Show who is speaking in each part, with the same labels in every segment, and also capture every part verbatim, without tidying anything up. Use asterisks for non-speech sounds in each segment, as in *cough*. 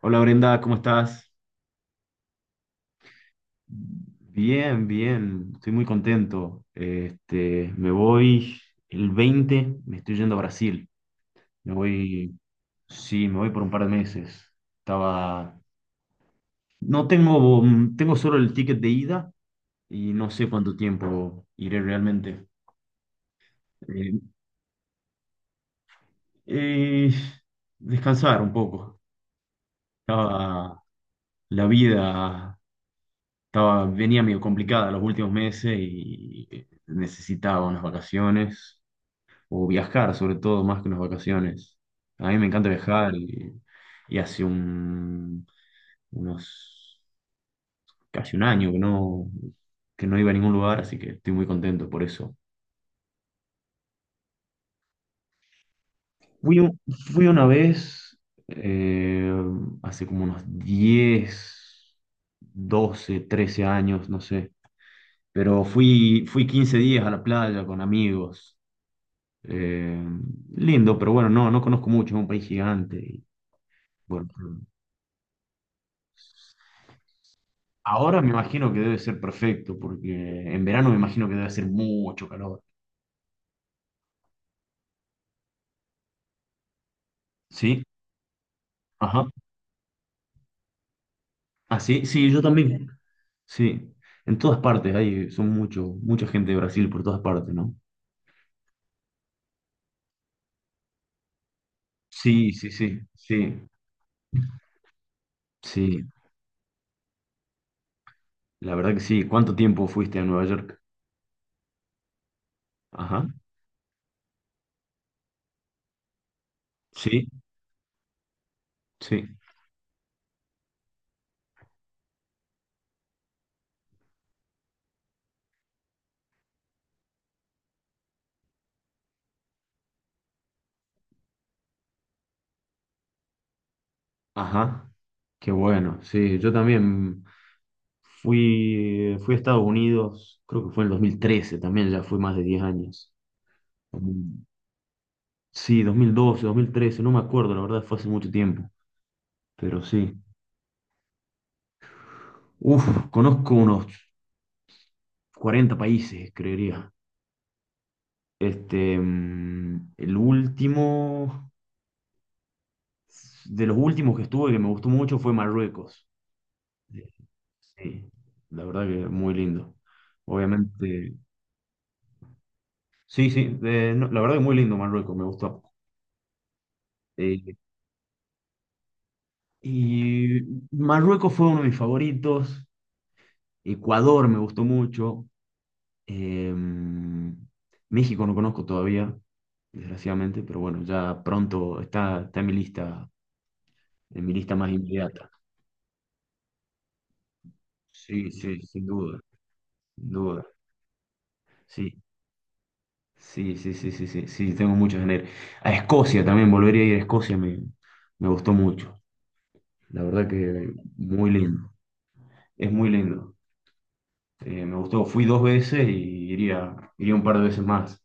Speaker 1: Hola Brenda, ¿cómo estás? Bien, bien, estoy muy contento. Este, me voy el veinte. Me estoy yendo a Brasil. Me voy, sí, me voy por un par de meses. Estaba, no tengo, mm, tengo solo el ticket de ida y no sé cuánto tiempo iré realmente. Eh, eh, descansar un poco. Estaba, la vida estaba, venía medio complicada los últimos meses y necesitaba unas vacaciones. O viajar, sobre todo, más que unas vacaciones. A mí me encanta viajar y, y hace un, unos, casi un año que no, que no iba a ningún lugar, así que estoy muy contento por eso. Fui, un- fui una vez, eh, hace como unos diez doce trece años, no sé, pero fui, fui quince días a la playa con amigos. Eh, lindo, pero bueno, no, no conozco mucho, es un país gigante. Y bueno, ahora me imagino que debe ser perfecto, porque en verano me imagino que debe hacer mucho calor. ¿Sí? Ajá. Ah, sí, sí, yo también. Sí. En todas partes hay, son mucho, mucha gente de Brasil por todas partes, ¿no? Sí, sí, sí, sí, sí. La verdad que sí. ¿Cuánto tiempo fuiste a Nueva York? Ajá. Sí, sí. Ajá. Qué bueno. Sí, yo también fui, fui a Estados Unidos, creo que fue en el dos mil trece, también ya fue más de diez años. Sí, dos mil doce, dos mil trece, no me acuerdo, la verdad fue hace mucho tiempo, pero sí. Uf, conozco unos cuarenta países, creería. Este, mm, el último, de los últimos que estuve que me gustó mucho fue Marruecos. Sí, la verdad que muy lindo. Obviamente, sí, sí, de- no, la verdad que muy lindo Marruecos, me gustó. Eh, y Marruecos fue uno de mis favoritos, Ecuador me gustó mucho. Em, México no conozco todavía, desgraciadamente, pero bueno, ya pronto está, está en mi lista, en mi lista más inmediata. Sí, sí, sin duda, sin duda. Sí, sí, sí, sí, sí, sí, sí, tengo muchas ganas de ir. A Escocia también, volvería a ir a Escocia, me, me gustó mucho. La verdad que muy lindo, es muy lindo. Eh, me gustó, fui dos veces y iría, iría un par de veces más.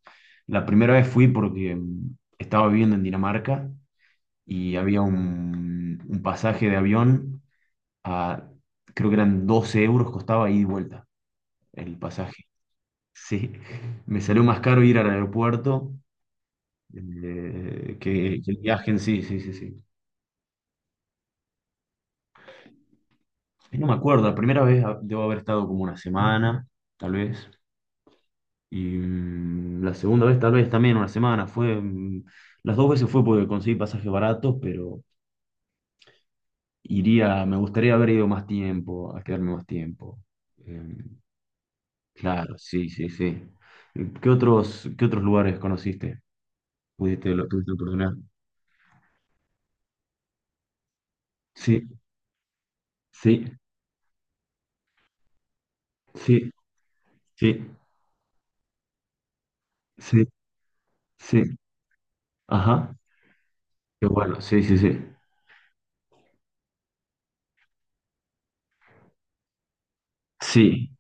Speaker 1: La primera vez fui porque mm, estaba viviendo en Dinamarca y había un, un pasaje de avión a, creo que eran doce euros, costaba ida y vuelta el pasaje. Sí, me salió más caro ir al aeropuerto eh, que, que el viaje en sí, sí, sí, sí. Y no me acuerdo, la primera vez ah, debo haber estado como una semana, tal vez, y mm, la segunda vez tal vez también una semana, fue, mm, las dos veces fue porque conseguí pasajes baratos, pero iría, me gustaría haber ido más tiempo, a quedarme más tiempo. Eh, Claro, sí, sí, sí. ¿Qué otros, qué otros lugares conociste? ¿Pudiste, lo, ¿tuviste la oportunidad? Sí, sí, sí, sí, sí, sí. Ajá. Qué bueno, sí, sí, sí. Sí,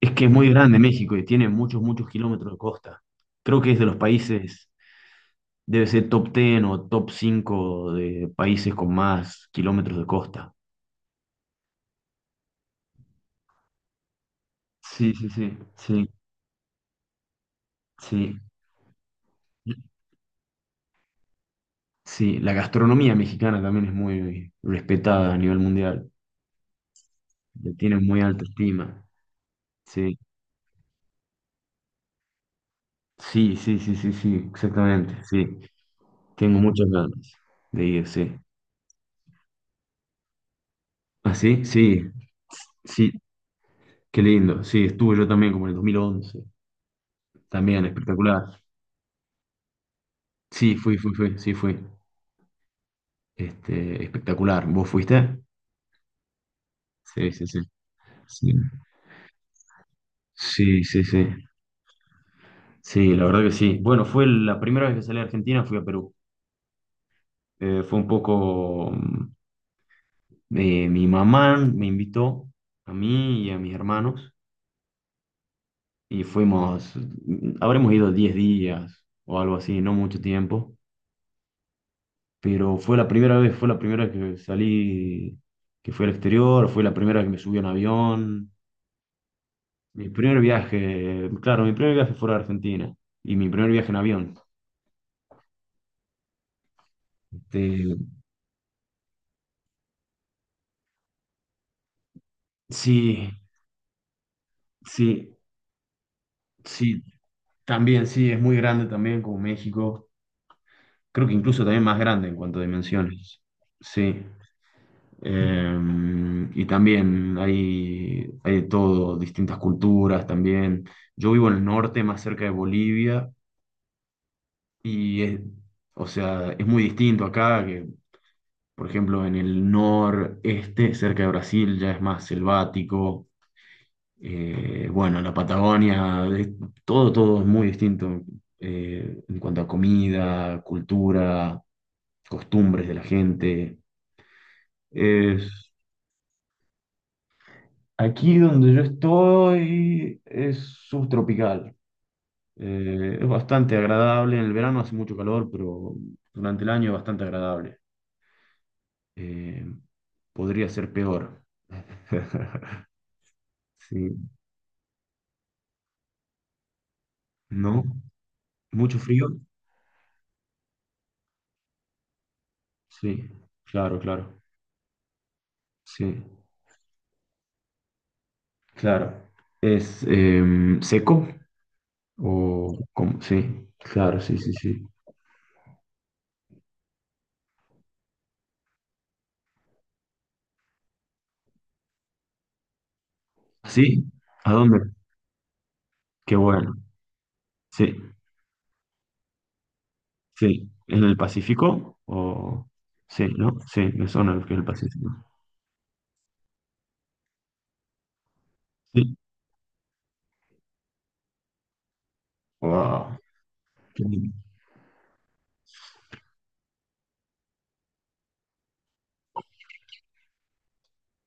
Speaker 1: es que es muy grande México y tiene muchos, muchos kilómetros de costa. Creo que es de los países, debe ser top diez o top cinco de países con más kilómetros de costa. Sí, sí, sí, sí, sí. Sí, la gastronomía mexicana también es muy respetada a nivel mundial. Le tienes muy alta estima. Sí, sí, sí, sí, sí, sí, exactamente. Sí, tengo muchas ganas de ir, sí. ¿Ah, sí? Sí, sí, qué lindo. Sí, estuve yo también como en el dos mil once. También espectacular. Sí, fui, fui, fui, sí, fui. Este, espectacular. ¿Vos fuiste? Sí, sí, sí. Sí, sí, sí, sí. Sí, la verdad que sí. Bueno, fue la primera vez que salí a Argentina, fui a Perú. Eh, fue un poco... mm, eh, mi mamá me invitó a mí y a mis hermanos. Y fuimos, mm, habremos ido diez días o algo así, no mucho tiempo, pero fue la primera vez, fue la primera vez que salí, que fui al exterior, fue la primera vez que me subí a un avión, mi primer viaje, claro, mi primer viaje fuera de Argentina y mi primer viaje en avión. Este, sí, sí, sí, también, sí, es muy grande también como México, creo que incluso también más grande en cuanto a dimensiones, sí. Eh, y también hay, hay de todo, distintas culturas también. Yo vivo en el norte, más cerca de Bolivia, y es, o sea, es muy distinto acá, que por ejemplo en el noreste, cerca de Brasil, ya es más selvático. Eh, bueno, la Patagonia, es- todo, todo es muy distinto eh, en cuanto a comida, cultura, costumbres de la gente. Aquí donde yo estoy es subtropical. Eh, es bastante agradable. En el verano hace mucho calor, pero durante el año es bastante agradable. Eh, podría ser peor. *laughs* Sí, ¿no? ¿Mucho frío? Sí, claro, claro. Sí, claro. ¿Es em, seco? ¿O cómo? Sí, claro, sí, sí, sí. ¿Sí? ¿A dónde? Qué bueno. Sí, sí, ¿en el Pacífico? O... Sí, ¿no? Sí, me suena que es el Pacífico. Sí. Wow. Qué lindo.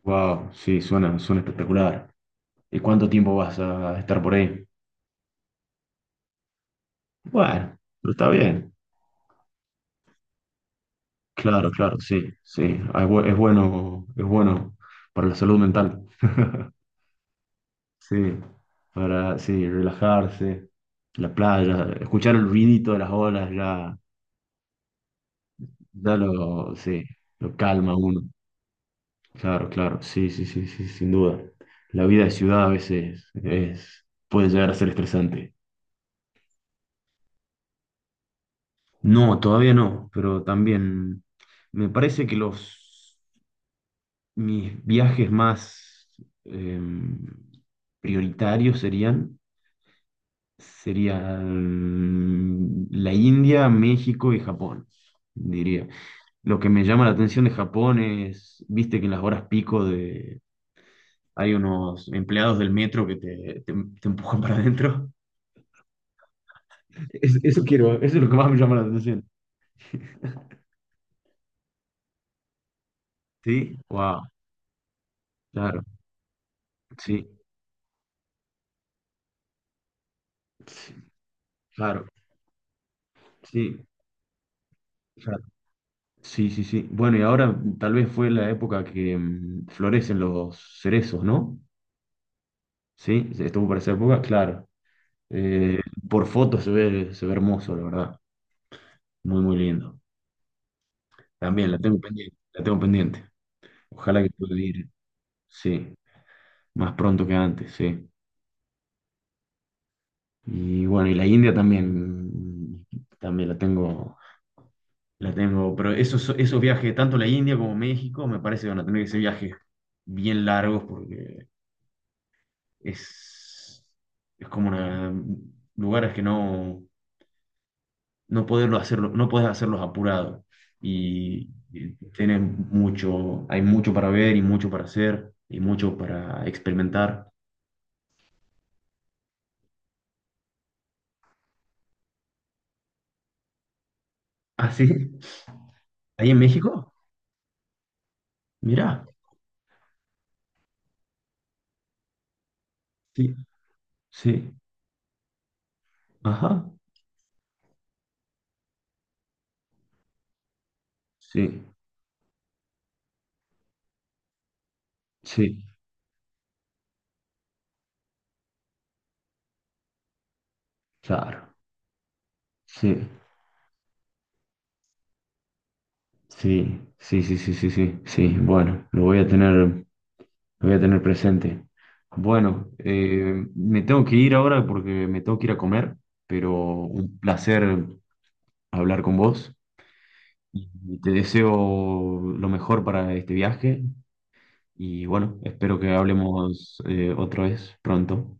Speaker 1: Wow, sí, suena, suena espectacular. ¿Y cuánto tiempo vas a estar por ahí? Bueno, pero está bien. Claro, claro, sí, sí. Ah, Es bu- es bueno, es bueno para la salud mental. *laughs* Sí, para, sí, relajarse, la playa, escuchar el ruidito de las olas ya, ya lo, sí, lo calma a uno. Claro, claro, sí, sí, sí, sí, sin duda. La vida de ciudad a veces es, puede llegar a ser estresante. No, todavía no, pero también me parece que los, mis viajes más em, prioritarios serían, serían la India, México y Japón, diría. Lo que me llama la atención de Japón es, viste que en las horas pico de, hay unos empleados del metro que te, te te empujan para adentro. Es- eso quiero, eso es lo que más me llama la atención. *laughs* Sí, wow, claro, sí, sí, claro, sí, claro, sí, sí, sí. Bueno, y ahora tal vez fue la época que mm, florecen los cerezos, ¿no? Sí, estuvo para esa época, claro. Eh, por fotos se ve, se ve hermoso, la verdad. Muy, muy lindo. También la tengo pendiente, la tengo pendiente. Ojalá que pueda ir, sí, más pronto que antes, sí. Y bueno, y la India también, mm, también la tengo, la tengo, pero esos, esos viajes, tanto la India como México, me parece que van a tener que ser viajes bien largos porque es, es como una, lugares que no, no poderlo hacerlo, no podés hacerlos apurados. Y, y tenés mucho, hay mucho para ver y mucho para hacer y mucho para experimentar. ¿Ah, sí? ¿Ahí en México? Mirá. Sí, sí. Ajá. Sí, sí, claro. Sí. Sí, sí, sí, sí, sí, sí, sí. Bueno, lo voy a tener, lo voy a tener presente. Bueno, eh, me tengo que ir ahora porque me tengo que ir a comer, pero un placer hablar con vos y y te deseo lo mejor para este viaje y bueno, espero que hablemos eh, otra vez pronto.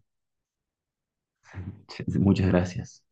Speaker 1: *laughs* Muchas gracias.